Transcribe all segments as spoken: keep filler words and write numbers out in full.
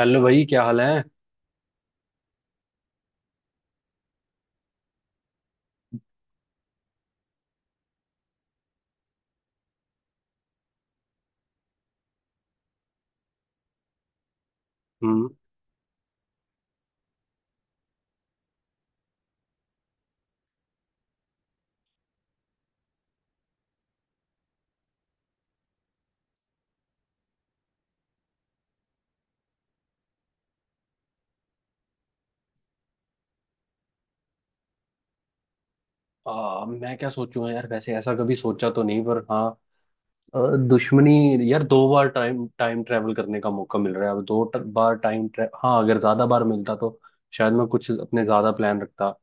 Hello भाई, क्या हाल है। हम्म। आ, मैं क्या सोचूं यार, वैसे ऐसा कभी सोचा तो नहीं, पर हाँ अ, दुश्मनी। यार, दो बार टाइम टाइम ट्रैवल करने का मौका मिल रहा है। अब दो ट, बार टाइम ट्रैवल, हाँ अगर ज्यादा बार मिलता तो शायद मैं कुछ अपने ज्यादा प्लान रखता।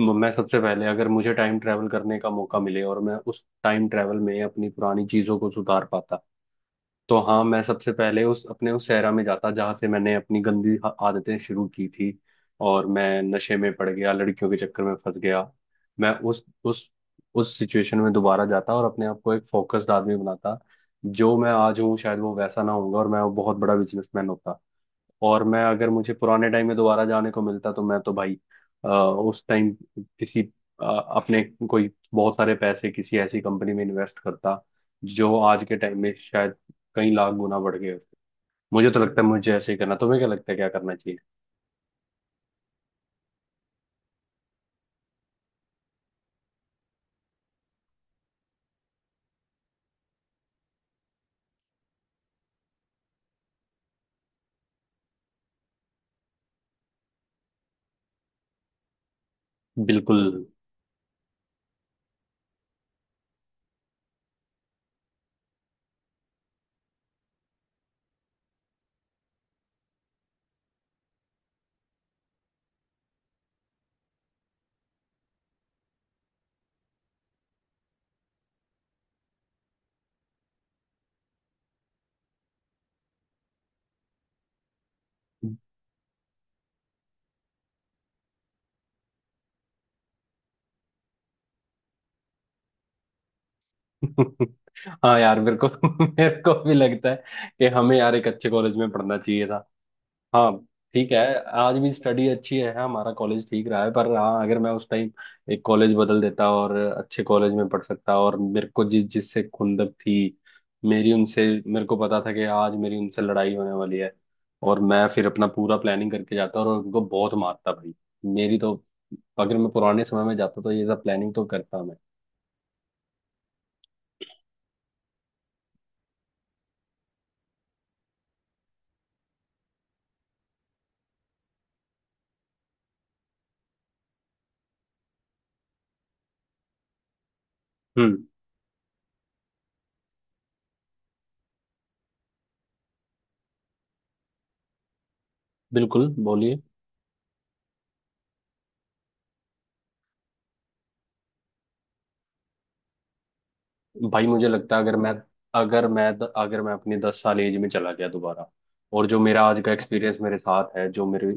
म- मैं सबसे पहले, अगर मुझे टाइम ट्रैवल करने का मौका मिले और मैं उस टाइम ट्रैवल में अपनी पुरानी चीजों को सुधार पाता, तो हाँ, मैं सबसे पहले उस अपने उस सहरा में जाता जहाँ से मैंने अपनी गंदी आ- आदतें शुरू की थी और मैं नशे में पड़ गया, लड़कियों के चक्कर में फंस गया। मैं उस उस उस सिचुएशन में दोबारा जाता और अपने आप को एक फोकस्ड आदमी बनाता, जो मैं आज हूँ शायद वो वैसा ना होऊंगा और मैं बहुत बड़ा बिजनेसमैन होता। और मैं, अगर मुझे पुराने टाइम में दोबारा जाने को मिलता तो मैं तो भाई अ, उस टाइम किसी अ, अपने कोई बहुत सारे पैसे किसी ऐसी कंपनी में इन्वेस्ट करता जो आज के टाइम में शायद कई लाख गुना बढ़ गए होते। मुझे तो लगता है मुझे ऐसे ही करना। तुम्हें क्या लगता है, क्या करना चाहिए? बिल्कुल। हाँ यार, मेरे को मेरे को भी लगता है कि हमें यार एक अच्छे कॉलेज में पढ़ना चाहिए था। हाँ, ठीक है। आज भी स्टडी अच्छी है, हाँ, हमारा कॉलेज ठीक रहा है, पर हाँ अगर मैं उस टाइम एक कॉलेज बदल देता और अच्छे कॉलेज में पढ़ सकता। और मेरे को जिस जिससे खुंदक थी, मेरी उनसे, मेरे को पता था कि आज मेरी उनसे लड़ाई होने वाली है, और मैं फिर अपना पूरा प्लानिंग करके जाता और उनको बहुत मारता भाई। मेरी तो, अगर मैं पुराने समय में जाता तो ये सब प्लानिंग तो करता मैं। हम्म, बिल्कुल, बोलिए। भाई मुझे लगता है अगर मैं अगर मैं अगर मैं अपनी दस साल एज में चला गया दोबारा, और जो मेरा आज का एक्सपीरियंस मेरे साथ है, जो मेरे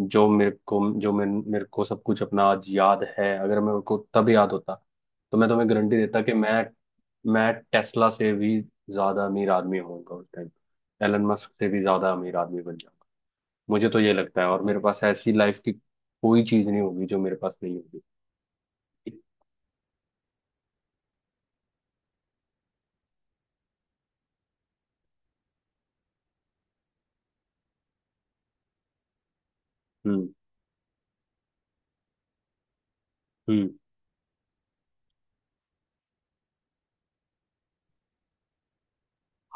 जो मेरे को जो मेरे, मेरे को सब कुछ अपना आज याद है। अगर मेरे को तब याद होता तो मैं तुम्हें गारंटी देता कि मैं मैं टेस्ला से भी ज्यादा अमीर आदमी होऊंगा उस टाइम। एलन मस्क से भी ज्यादा अमीर आदमी बन जाऊंगा। मुझे तो ये लगता है, और मेरे पास ऐसी लाइफ की कोई चीज नहीं होगी जो मेरे पास नहीं होगी। हम्म। हम्म।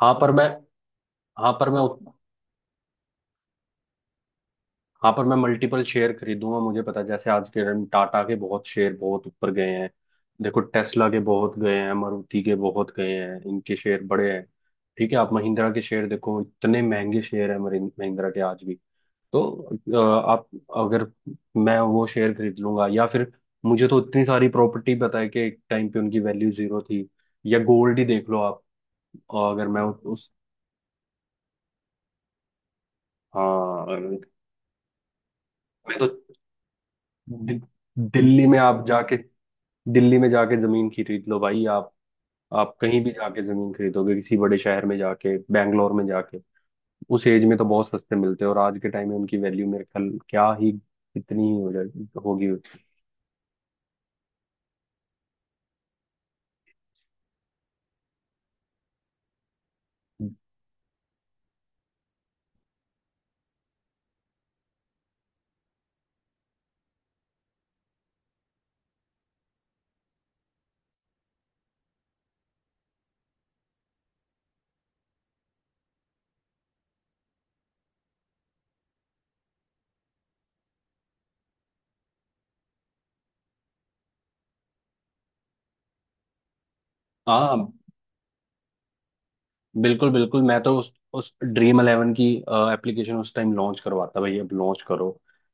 हाँ पर मैं हाँ पर मैं उत- हाँ पर मैं मल्टीपल शेयर खरीदूंगा, मुझे पता है, जैसे आज के दिन टाटा के बहुत शेयर बहुत ऊपर गए हैं। देखो टेस्ला के बहुत गए हैं, मारुति के बहुत गए हैं, इनके शेयर बड़े हैं। ठीक है, आप महिंद्रा के शेयर देखो, इतने महंगे शेयर है महिंद्रा के आज भी। तो अ, आप, अगर मैं वो शेयर खरीद लूंगा, या फिर मुझे तो इतनी सारी प्रॉपर्टी पता है कि एक टाइम पे उनकी वैल्यू जीरो थी, या गोल्ड ही देख लो आप। अगर मैं उस उस- हाँ मैं तो दि- दिल्ली में आप जाके दिल्ली में जाके जमीन खरीद लो भाई आप। आप कहीं भी जाके जमीन खरीदोगे, किसी बड़े शहर में जाके, बैंगलोर में जाके, उस एज में तो बहुत सस्ते मिलते हैं और आज के टाइम में उनकी वैल्यू मेरे ख्याल क्या ही कितनी ही हो जाएगी, होगी। हाँ, बिल्कुल बिल्कुल। मैं तो उस उस ड्रीम इलेवन की एप्लीकेशन उस टाइम लॉन्च करवाता भाई, अब लॉन्च करो।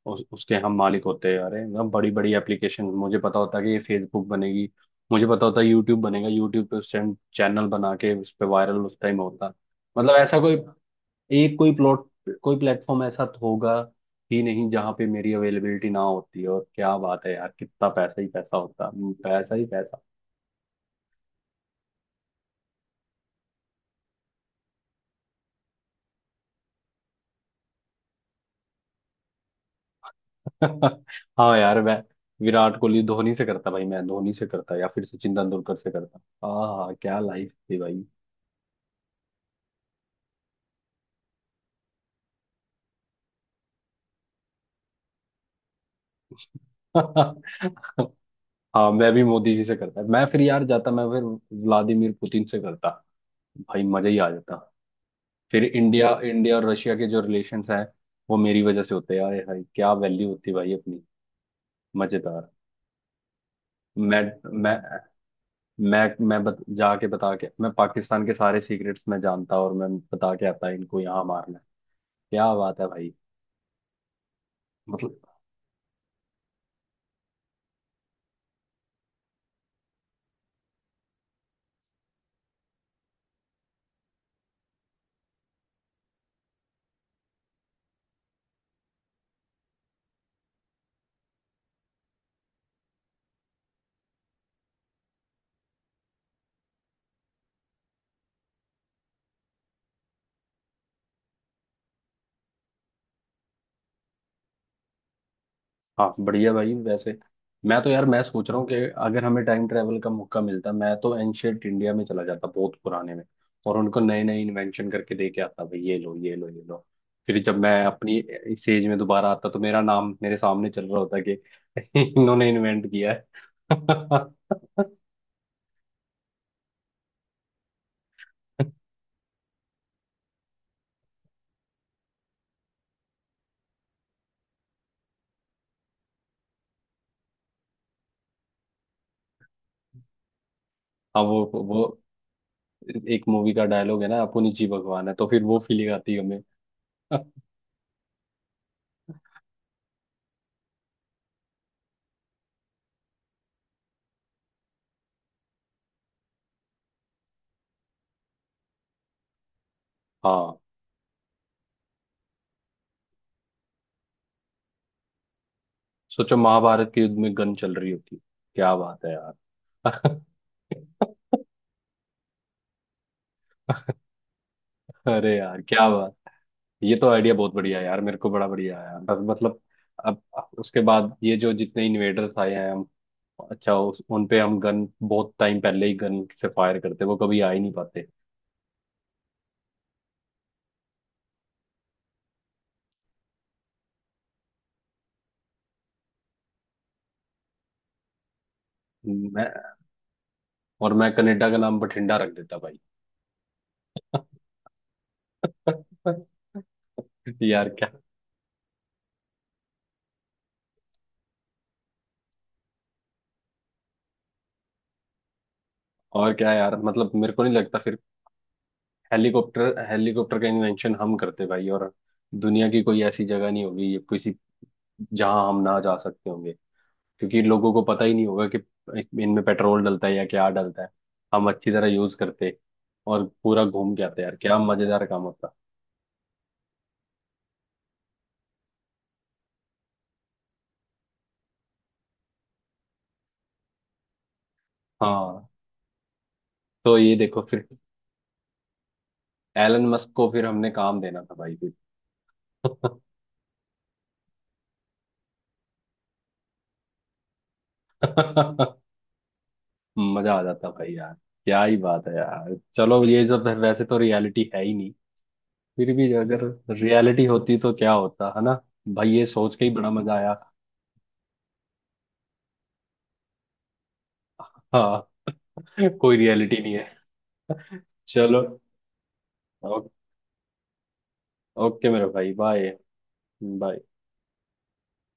उस, उसके हम मालिक होते हैं। अरे ना, बड़ी बड़ी एप्लीकेशन, मुझे पता होता कि ये फेसबुक बनेगी, मुझे पता होता यूट्यूब बनेगा, यूट्यूब पे उस टाइम चैनल बना के उस पे वायरल उस टाइम होता। मतलब ऐसा कोई एक, कोई प्लॉट, कोई प्लेटफॉर्म ऐसा तो होगा ही नहीं जहाँ पे मेरी अवेलेबिलिटी ना होती। और क्या बात है यार, कितना पैसा ही पैसा होता, पैसा ही पैसा। हाँ यार, मैं विराट कोहली धोनी से करता भाई, मैं धोनी से करता या फिर सचिन तेंदुलकर से करता। हाँ क्या लाइफ थी भाई। हाँ, मैं भी मोदी जी से करता। मैं फिर यार जाता, मैं फिर व्लादिमीर पुतिन से करता। भाई मजा ही आ जाता। फिर इंडिया इंडिया और रशिया के जो रिलेशंस हैं, वो मेरी वजह से होते हैं यार भाई, क्या वैल्यू होती भाई अपनी, मजेदार। मैं मैं मैं मैं बत, जाके बता के, मैं पाकिस्तान के सारे सीक्रेट्स मैं जानता और मैं बता के आता, इनको यहाँ मारना है। क्या बात है भाई, मतलब। हाँ बढ़िया भाई, वैसे मैं तो यार मैं सोच रहा हूँ कि अगर हमें टाइम ट्रेवल का मौका मिलता, मैं तो एंशियंट इंडिया में चला जाता, बहुत पुराने में, और उनको नए नए इन्वेंशन करके दे के आता भाई, ये लो ये लो ये लो। फिर जब मैं अपनी इस एज में दोबारा आता तो मेरा नाम मेरे सामने चल रहा होता कि इन्होंने इन्वेंट किया है। हाँ। वो वो एक मूवी का डायलॉग है ना, अपुन ही जी भगवान है, तो फिर वो फीलिंग आती है हमें। हाँ, सोचो महाभारत के युद्ध में गन चल रही होती। क्या बात है यार। अरे यार क्या बात, ये तो आइडिया बहुत बढ़िया है यार, मेरे को बड़ा बढ़िया आया, बस मतलब। अब उसके बाद ये जो जितने इन्वेडर्स आए हैं, हम, अच्छा, उस, उन पे हम गन बहुत टाइम पहले ही गन से फायर करते, वो कभी आ ही नहीं पाते। मैं और मैं कनाडा का नाम बठिंडा रख देता भाई। यार क्या, और क्या यार, मतलब मेरे को नहीं लगता फिर हेलीकॉप्टर हेलीकॉप्टर का इन्वेंशन हम करते भाई, और दुनिया की कोई ऐसी जगह नहीं होगी, ये किसी, जहां हम ना जा सकते होंगे, क्योंकि लोगों को पता ही नहीं होगा कि इनमें पेट्रोल डलता है या क्या डलता है। हम अच्छी तरह यूज करते। और पूरा घूम के आते, यार क्या मजेदार काम होता। हाँ, तो ये देखो फिर, एलन मस्क को फिर हमने काम देना था भाई, फिर। मजा आ जाता भाई यार। क्या ही बात है यार, चलो, ये सब वैसे तो रियलिटी है ही नहीं। फिर भी अगर रियलिटी होती तो क्या होता है ना। भाई ये सोच के ही बड़ा मजा आया। हाँ। कोई रियलिटी नहीं है। चलो। ओ, ओके मेरे भाई, बाय। बाय।